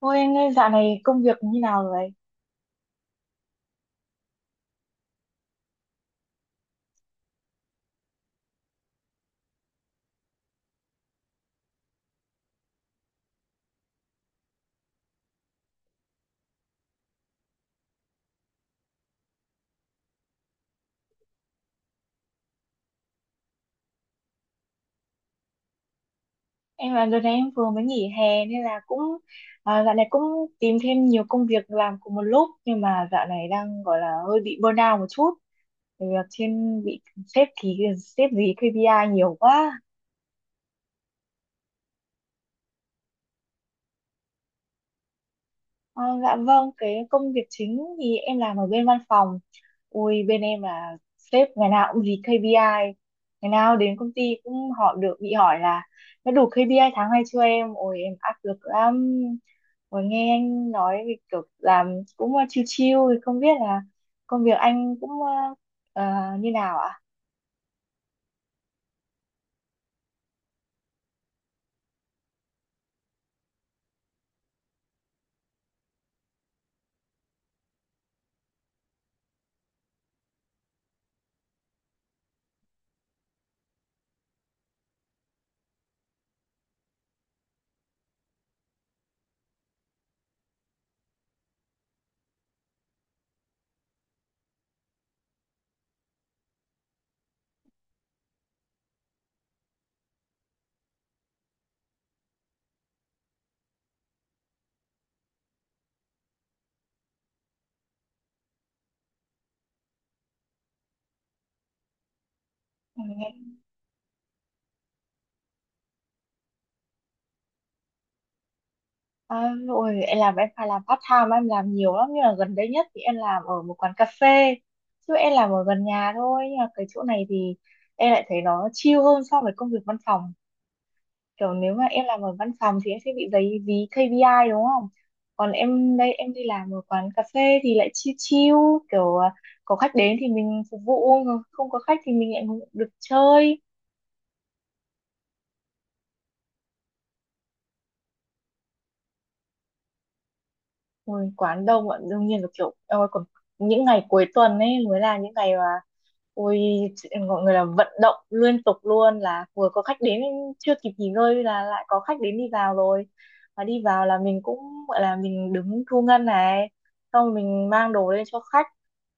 Ôi anh ơi, dạo này công việc như nào rồi? Em là đợt này em vừa mới nghỉ hè nên là cũng dạo này cũng tìm thêm nhiều công việc làm cùng một lúc nhưng mà dạo này đang gọi là hơi bị burnout một chút. Bởi vì trên bị sếp ký sếp gì KPI nhiều quá. Ờ, dạ vâng, cái công việc chính thì em làm ở bên văn phòng. Ui, bên em là sếp ngày nào cũng dí KPI. Ngày nào đến công ty cũng họ được bị hỏi là đã đủ KPI tháng này chưa em? Ôi, em áp lực lắm. Ôi, nghe anh nói thì kiểu làm cũng chill chill, thì không biết là công việc anh cũng ờ, như nào ạ? À? À, ôi, em làm em phải làm part time, em làm nhiều lắm nhưng mà gần đây nhất thì em làm ở một quán cà phê, chứ em làm ở gần nhà thôi nhưng mà cái chỗ này thì em lại thấy nó chill hơn so với công việc văn phòng. Kiểu nếu mà em làm ở văn phòng thì em sẽ bị giấy dí KPI đúng không, còn em đây em đi làm ở quán cà phê thì lại chill chill, kiểu có khách đến thì mình phục vụ, không có khách thì mình lại được chơi. Ôi, quán đông ạ, đương nhiên là kiểu ôi, còn những ngày cuối tuần ấy mới là những ngày mà ôi, mọi người là vận động liên tục luôn, là vừa có khách đến chưa kịp nghỉ ngơi là lại có khách đến đi vào rồi, và đi vào là mình cũng gọi là mình đứng thu ngân này, xong rồi mình mang đồ lên cho khách,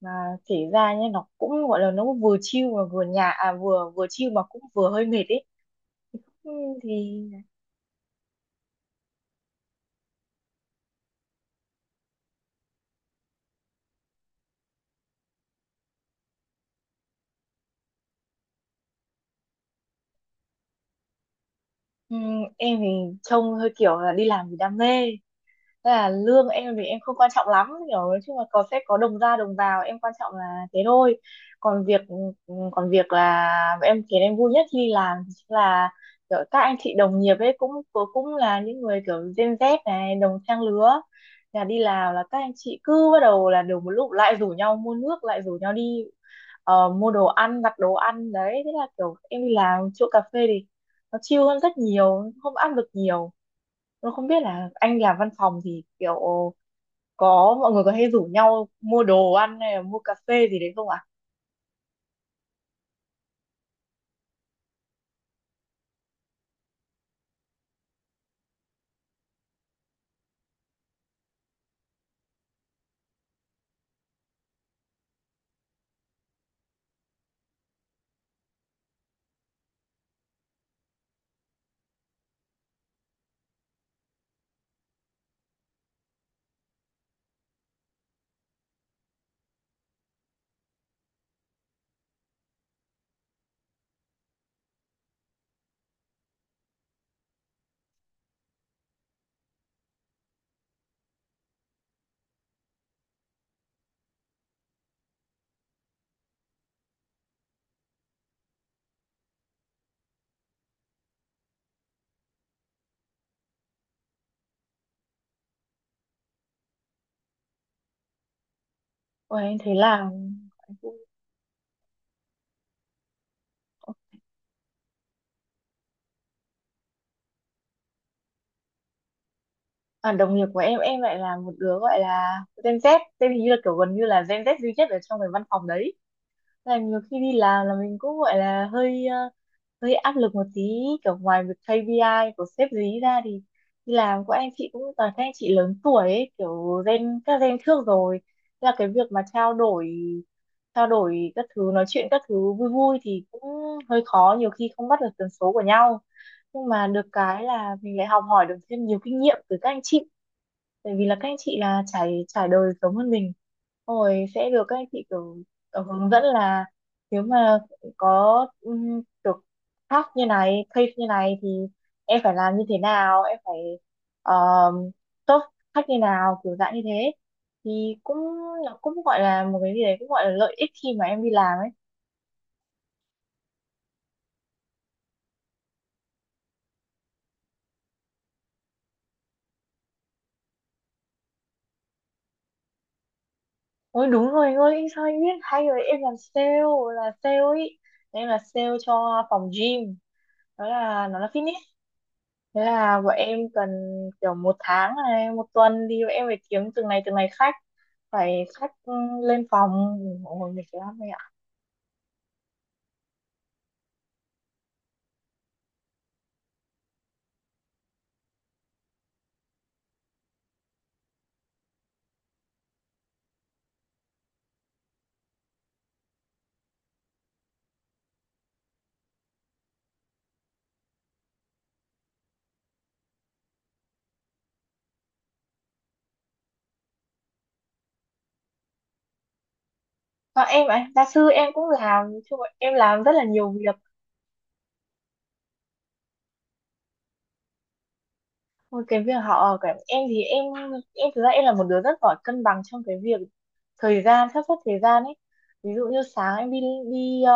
mà kể ra nhé nó cũng gọi là nó cũng vừa chill mà vừa nhà à vừa vừa chill mà cũng vừa hơi mệt ấy. Ừ, thì ừ, em thì trông hơi kiểu là đi làm vì đam mê. Tức là lương em thì em không quan trọng lắm, hiểu, nói chung là có sẽ có đồng ra đồng vào, em quan trọng là thế thôi. còn việc Còn việc là em khiến em vui nhất khi đi làm thì chính là kiểu các anh chị đồng nghiệp ấy, cũng cũng là những người kiểu Gen Z này, đồng trang lứa, là đi làm là các anh chị cứ bắt đầu là đều một lúc lại rủ nhau mua nước, lại rủ nhau đi mua đồ ăn, đặt đồ ăn đấy, thế là kiểu em đi làm chỗ cà phê thì nó chill hơn rất nhiều, không áp lực nhiều. Tôi không biết là anh làm văn phòng thì kiểu có mọi người có hay rủ nhau mua đồ ăn hay là mua cà phê gì đấy không ạ? Ôi anh thấy là anh cũng- đồng nghiệp của em lại là một đứa gọi là Gen Z, tên hình như là kiểu gần như là Gen Z duy nhất ở trong cái văn phòng đấy. Thế là nhiều khi đi làm là mình cũng gọi là hơi hơi áp lực một tí, kiểu ngoài việc KPI của sếp dí ra thì đi làm của anh chị cũng toàn các anh chị lớn tuổi ấy, kiểu gen các gen trước rồi. Thế là cái việc mà trao đổi các thứ, nói chuyện các thứ vui vui thì cũng hơi khó, nhiều khi không bắt được tần số của nhau, nhưng mà được cái là mình lại học hỏi được thêm nhiều kinh nghiệm từ các anh chị, tại vì là các anh chị là trải trải đời giống hơn mình. Xong rồi sẽ được các anh chị kiểu hướng dẫn là nếu mà có thắc như này, case như này thì em phải làm như thế nào, em phải um, tốt khách như nào, kiểu dạng như thế, thì cũng nó cũng gọi là một cái gì đấy, cũng gọi là lợi ích khi mà em đi làm ấy. Ôi đúng rồi anh ơi, sao anh biết hay rồi, em làm sale, là sale ấy, em là sale cho phòng gym, đó là nó là fitness. Thế là bọn em cần kiểu một tháng này một tuần đi bọn em phải kiếm từng này khách, phải khách ừ, lên phòng. Ôi, mình mệt lắm. Còn em ạ, gia sư em cũng làm, chung là em làm rất là nhiều việc. Một cái việc họ ở cả em thì em thực ra em là một đứa rất giỏi cân bằng trong cái việc thời gian, sắp xếp thời gian ấy. Ví dụ như sáng em đi đi ờ,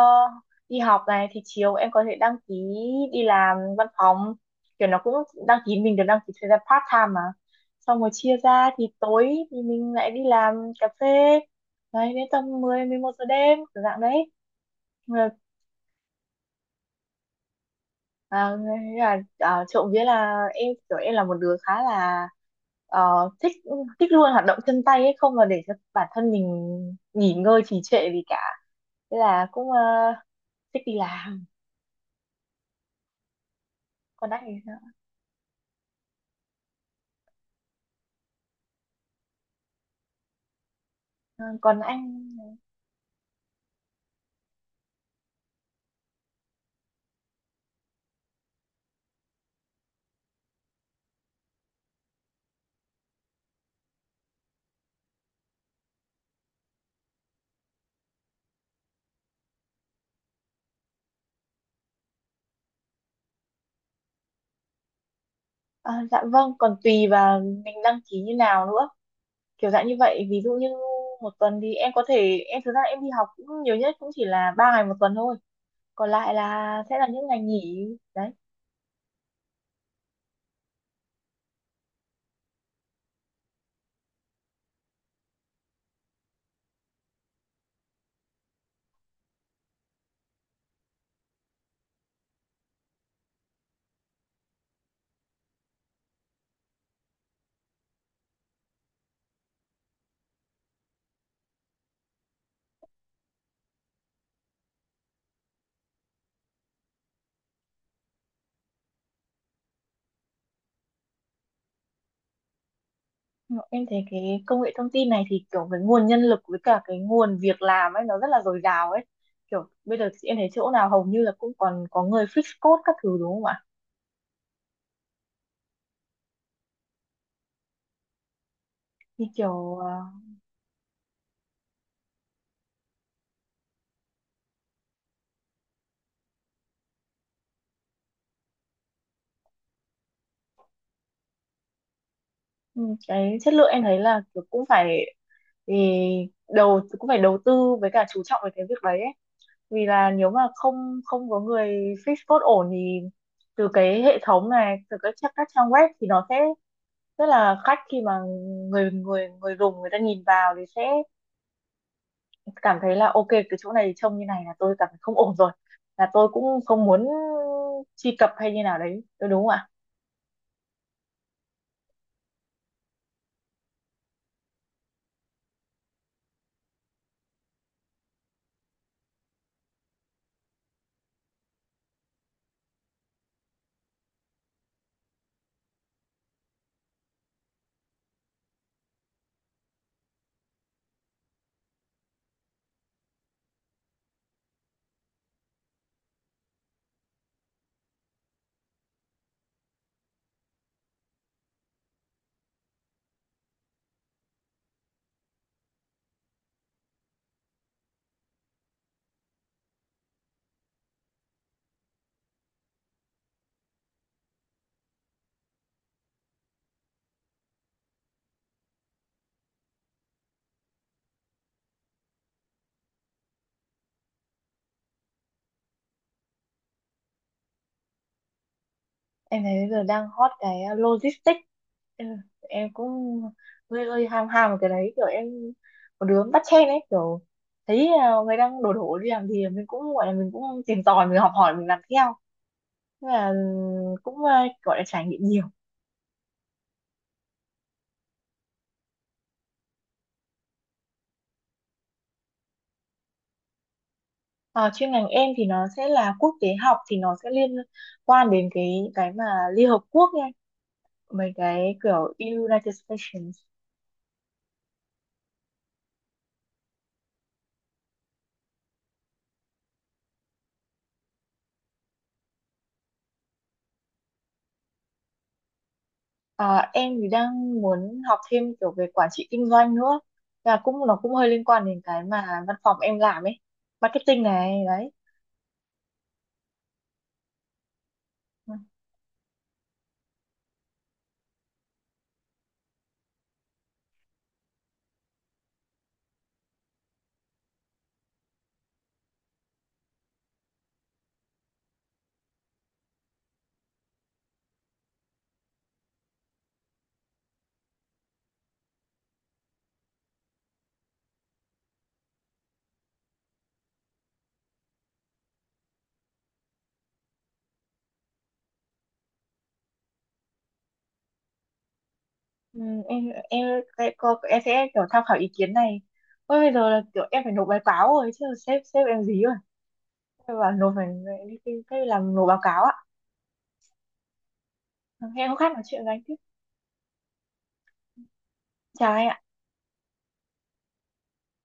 đi học này thì chiều em có thể đăng ký đi làm văn phòng. Kiểu nó cũng đăng ký, mình được đăng ký thời gian part time mà. Xong rồi chia ra thì tối thì mình lại đi làm cà phê. Đấy, đến tầm mười mười một giờ đêm kiểu dạng đấy. À, thế là trộm vía là em kiểu em là một đứa khá là ờ, thích thích luôn hoạt động chân tay ấy, không mà để cho bản thân mình nghỉ ngơi trì trệ gì cả, thế là cũng thích đi làm. Còn anh thì sao? Ờ, còn anh ờ, dạ vâng còn tùy vào mình đăng ký như nào nữa, kiểu dạng như vậy, ví dụ như một tuần thì em có thể em thực ra em đi học cũng nhiều nhất cũng chỉ là ba ngày một tuần thôi, còn lại là sẽ là những ngày nghỉ đấy. Em thấy cái công nghệ thông tin này thì kiểu cái nguồn nhân lực với cả cái nguồn việc làm ấy nó rất là dồi dào ấy. Kiểu bây giờ em thấy chỗ nào hầu như là cũng còn có người fix code các thứ đúng không ạ? Thì kiểu ừ, cái chất lượng em thấy là kiểu cũng phải, thì đầu cũng phải đầu tư với cả chú trọng về cái việc đấy ấy. Vì là nếu mà không không có người fix code ổn thì từ cái hệ thống này, từ các trang web thì nó sẽ rất là khách, khi mà người người người dùng người ta nhìn vào thì sẽ cảm thấy là ok cái chỗ này trông như này là tôi cảm thấy không ổn rồi, là tôi cũng không muốn truy cập hay như nào đấy tôi, đúng không ạ. Em thấy bây giờ đang hot cái logistics. Ừ, em cũng hơi hơi ham ham vào cái đấy, kiểu em một đứa bắt chen ấy, kiểu thấy người đang đổ đổ đi làm gì mình cũng gọi là mình cũng tìm tòi, mình học hỏi, mình làm theo. Thế là ừ, cũng gọi là trải nghiệm nhiều. À, chuyên ngành em thì nó sẽ là quốc tế học, thì nó sẽ liên quan đến cái mà Liên Hợp Quốc nha, mấy cái kiểu United Stations. À, em thì đang muốn học thêm kiểu về quản trị kinh doanh nữa, và cũng nó cũng hơi liên quan đến cái mà văn phòng em làm ấy, marketing này đấy. Ừ, em sẽ kiểu tham khảo ý kiến này. Ôi, bây giờ là kiểu em phải nộp báo cáo rồi, chứ sếp sếp em gì rồi, em bảo nộp, phải đi làm nộp báo cáo ạ. Em không khác, nói chuyện với anh tiếp. Chào anh ạ.